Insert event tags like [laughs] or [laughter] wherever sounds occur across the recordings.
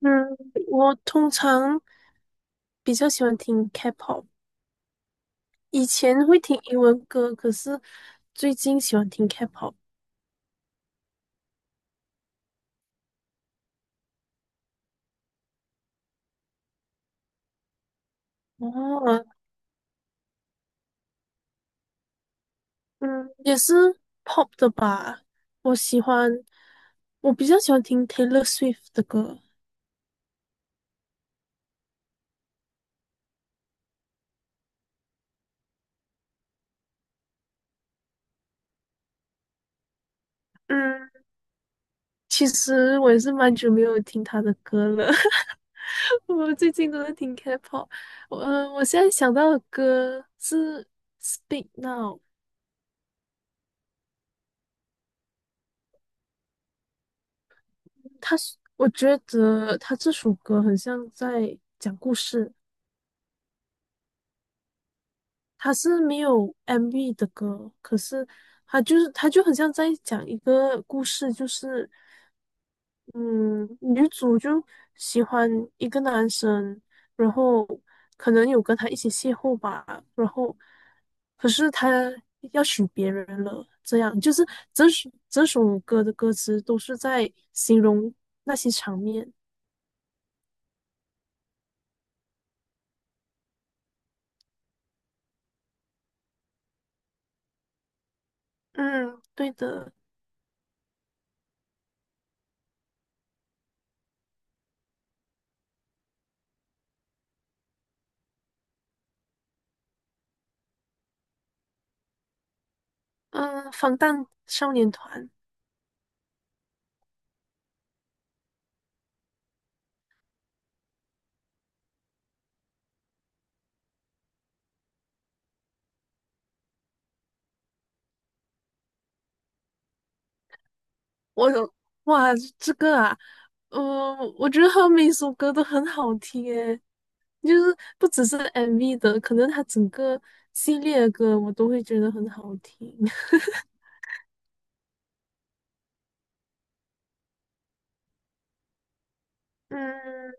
嗯，我通常比较喜欢听 K-pop，以前会听英文歌，可是最近喜欢听 K-pop。哦，嗯，也是 pop 的吧。我喜欢，我比较喜欢听 Taylor Swift 的歌。嗯，其实我也是蛮久没有听她的歌了。[laughs] [laughs] 我最近都在听 K-pop，我现在想到的歌是《Speak Now》,我觉得它这首歌很像在讲故事，他是没有 MV 的歌，可是他就很像在讲一个故事，就是嗯，女主就喜欢一个男生，然后可能有跟他一起邂逅吧，然后可是他要娶别人了，这样就是整首歌的歌词都是在形容那些场面。嗯，对的，嗯，防弹少年团。我哇，这个啊，嗯、我觉得他每首歌都很好听诶，就是不只是 MV 的，可能他整个系列的歌我都会觉得很好听。[laughs] 嗯，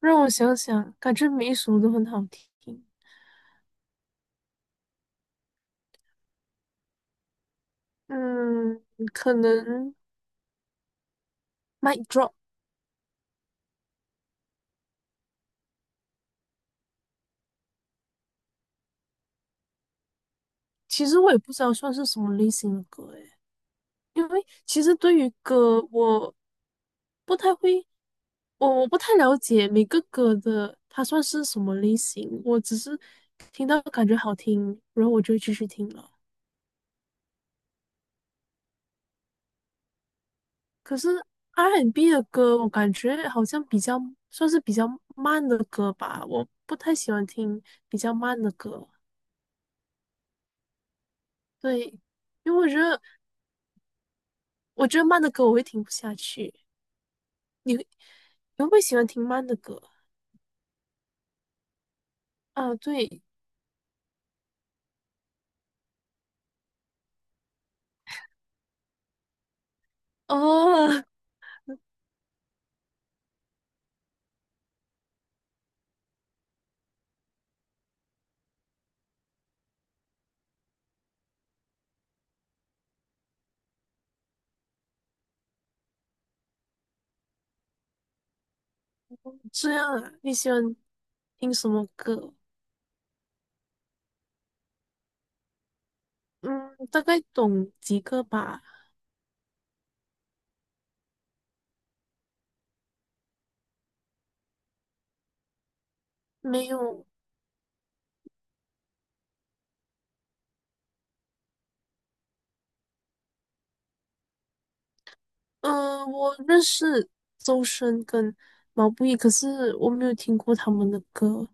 让我想想，感觉每一首都很好听。嗯，可能《Mic Drop》,其实我也不知道算是什么类型的歌诶。因为其实对于歌，我不太会，我不太了解每个歌的它算是什么类型，我只是听到感觉好听，然后我就会继续听了。可是 R&B N 的歌，我感觉好像比较算是比较慢的歌吧，我不太喜欢听比较慢的歌，对，因为我觉得慢的歌我会听不下去。你会你会不会喜欢听慢的歌？啊，对，哦，[laughs] 这样啊，你喜欢？听什么歌？嗯，大概懂几个吧。没有，嗯、我认识周深跟毛不易，可是我没有听过他们的歌。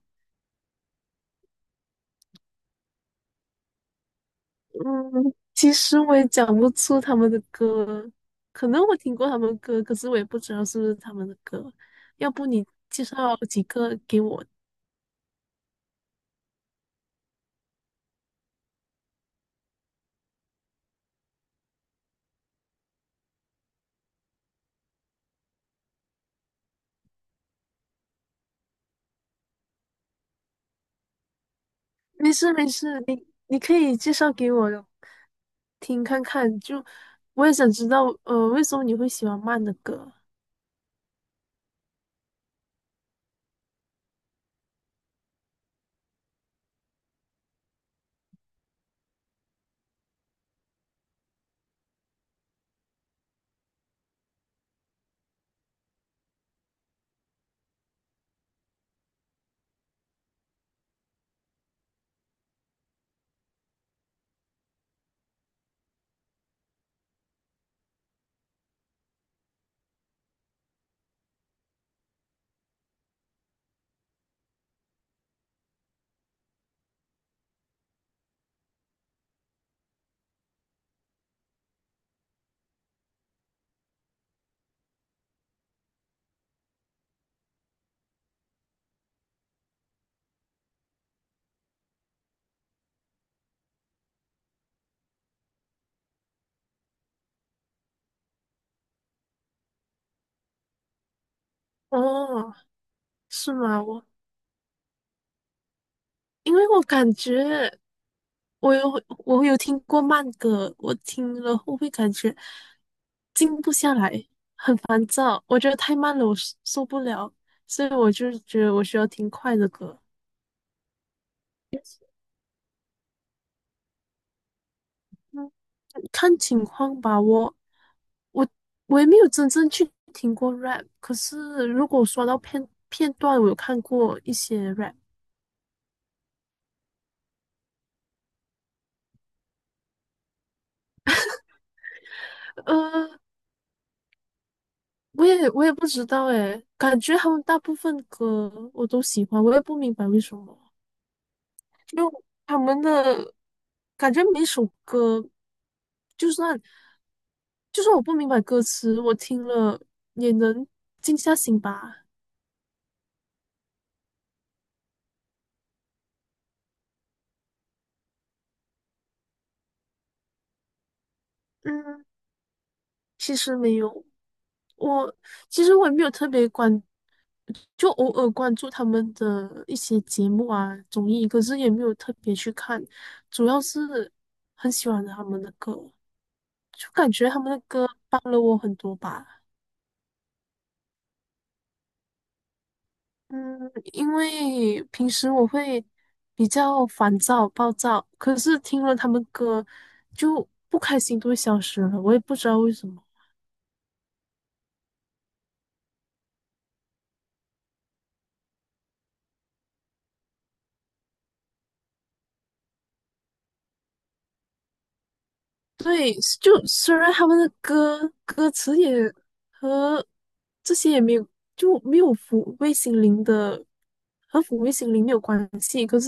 嗯，其实我也讲不出他们的歌，可能我听过他们的歌，可是我也不知道是不是他们的歌。要不你介绍几个给我？没事没事，你可以介绍给我听看看，就我也想知道，为什么你会喜欢慢的歌？哦，是吗？因为我感觉我有听过慢歌，我听了后会感觉静不下来，很烦躁。我觉得太慢了，我受不了，所以我就觉得我需要听快的歌。嗯，看情况吧。我我也没有真正去听过 rap，可是如果刷到片段，我有看过一些 rap。呃，我也不知道诶，感觉他们大部分歌我都喜欢，我也不明白为什么，就他们的感觉每首歌，就算就算我不明白歌词，我听了也能静下心吧。嗯，其实没有，我其实我也没有特别关，就偶尔关注他们的一些节目啊、综艺，可是也没有特别去看，主要是很喜欢他们的歌，就感觉他们的歌帮了我很多吧。嗯，因为平时我会比较烦躁、暴躁，可是听了他们歌，就不开心都会消失了，我也不知道为什么。对，就虽然他们的歌词也和这些也没有，就没有抚慰心灵的，和抚慰心灵没有关系，可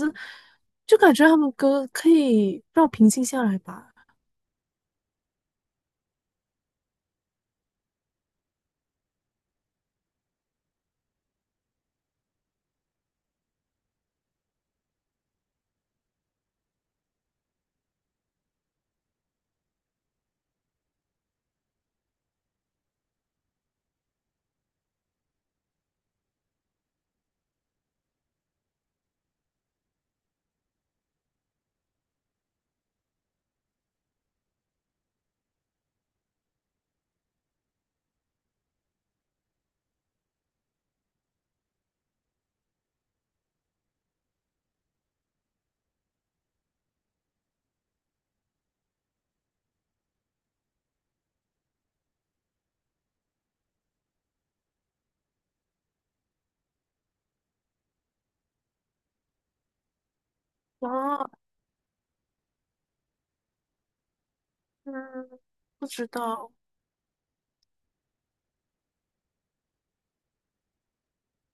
就感觉他们歌可以让我平静下来吧。啊，嗯，不知道，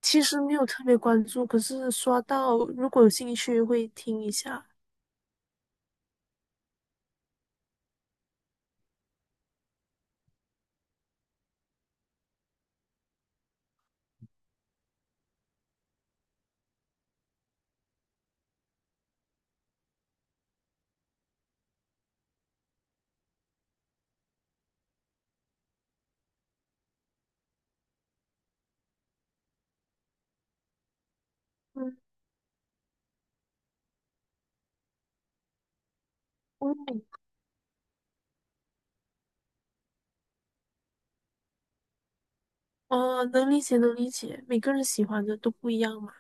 其实没有特别关注，可是刷到，如果有兴趣会听一下。嗯，嗯哦，能理解，能理解，每个人喜欢的都不一样嘛。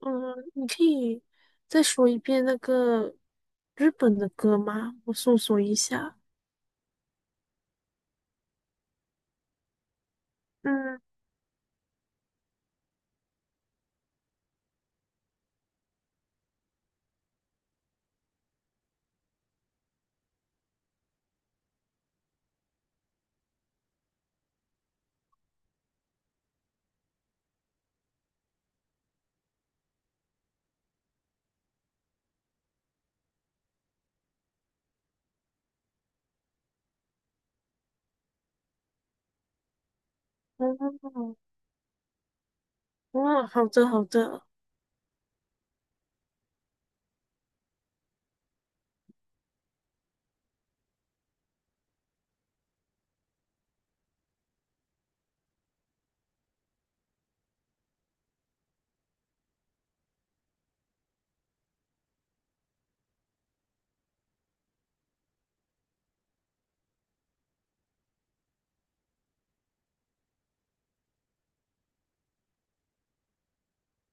嗯，你可以再说一遍那个日本的歌吗？我搜索一下。嗯，哦，哦，好的，好的，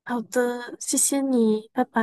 好的，谢谢你，拜拜。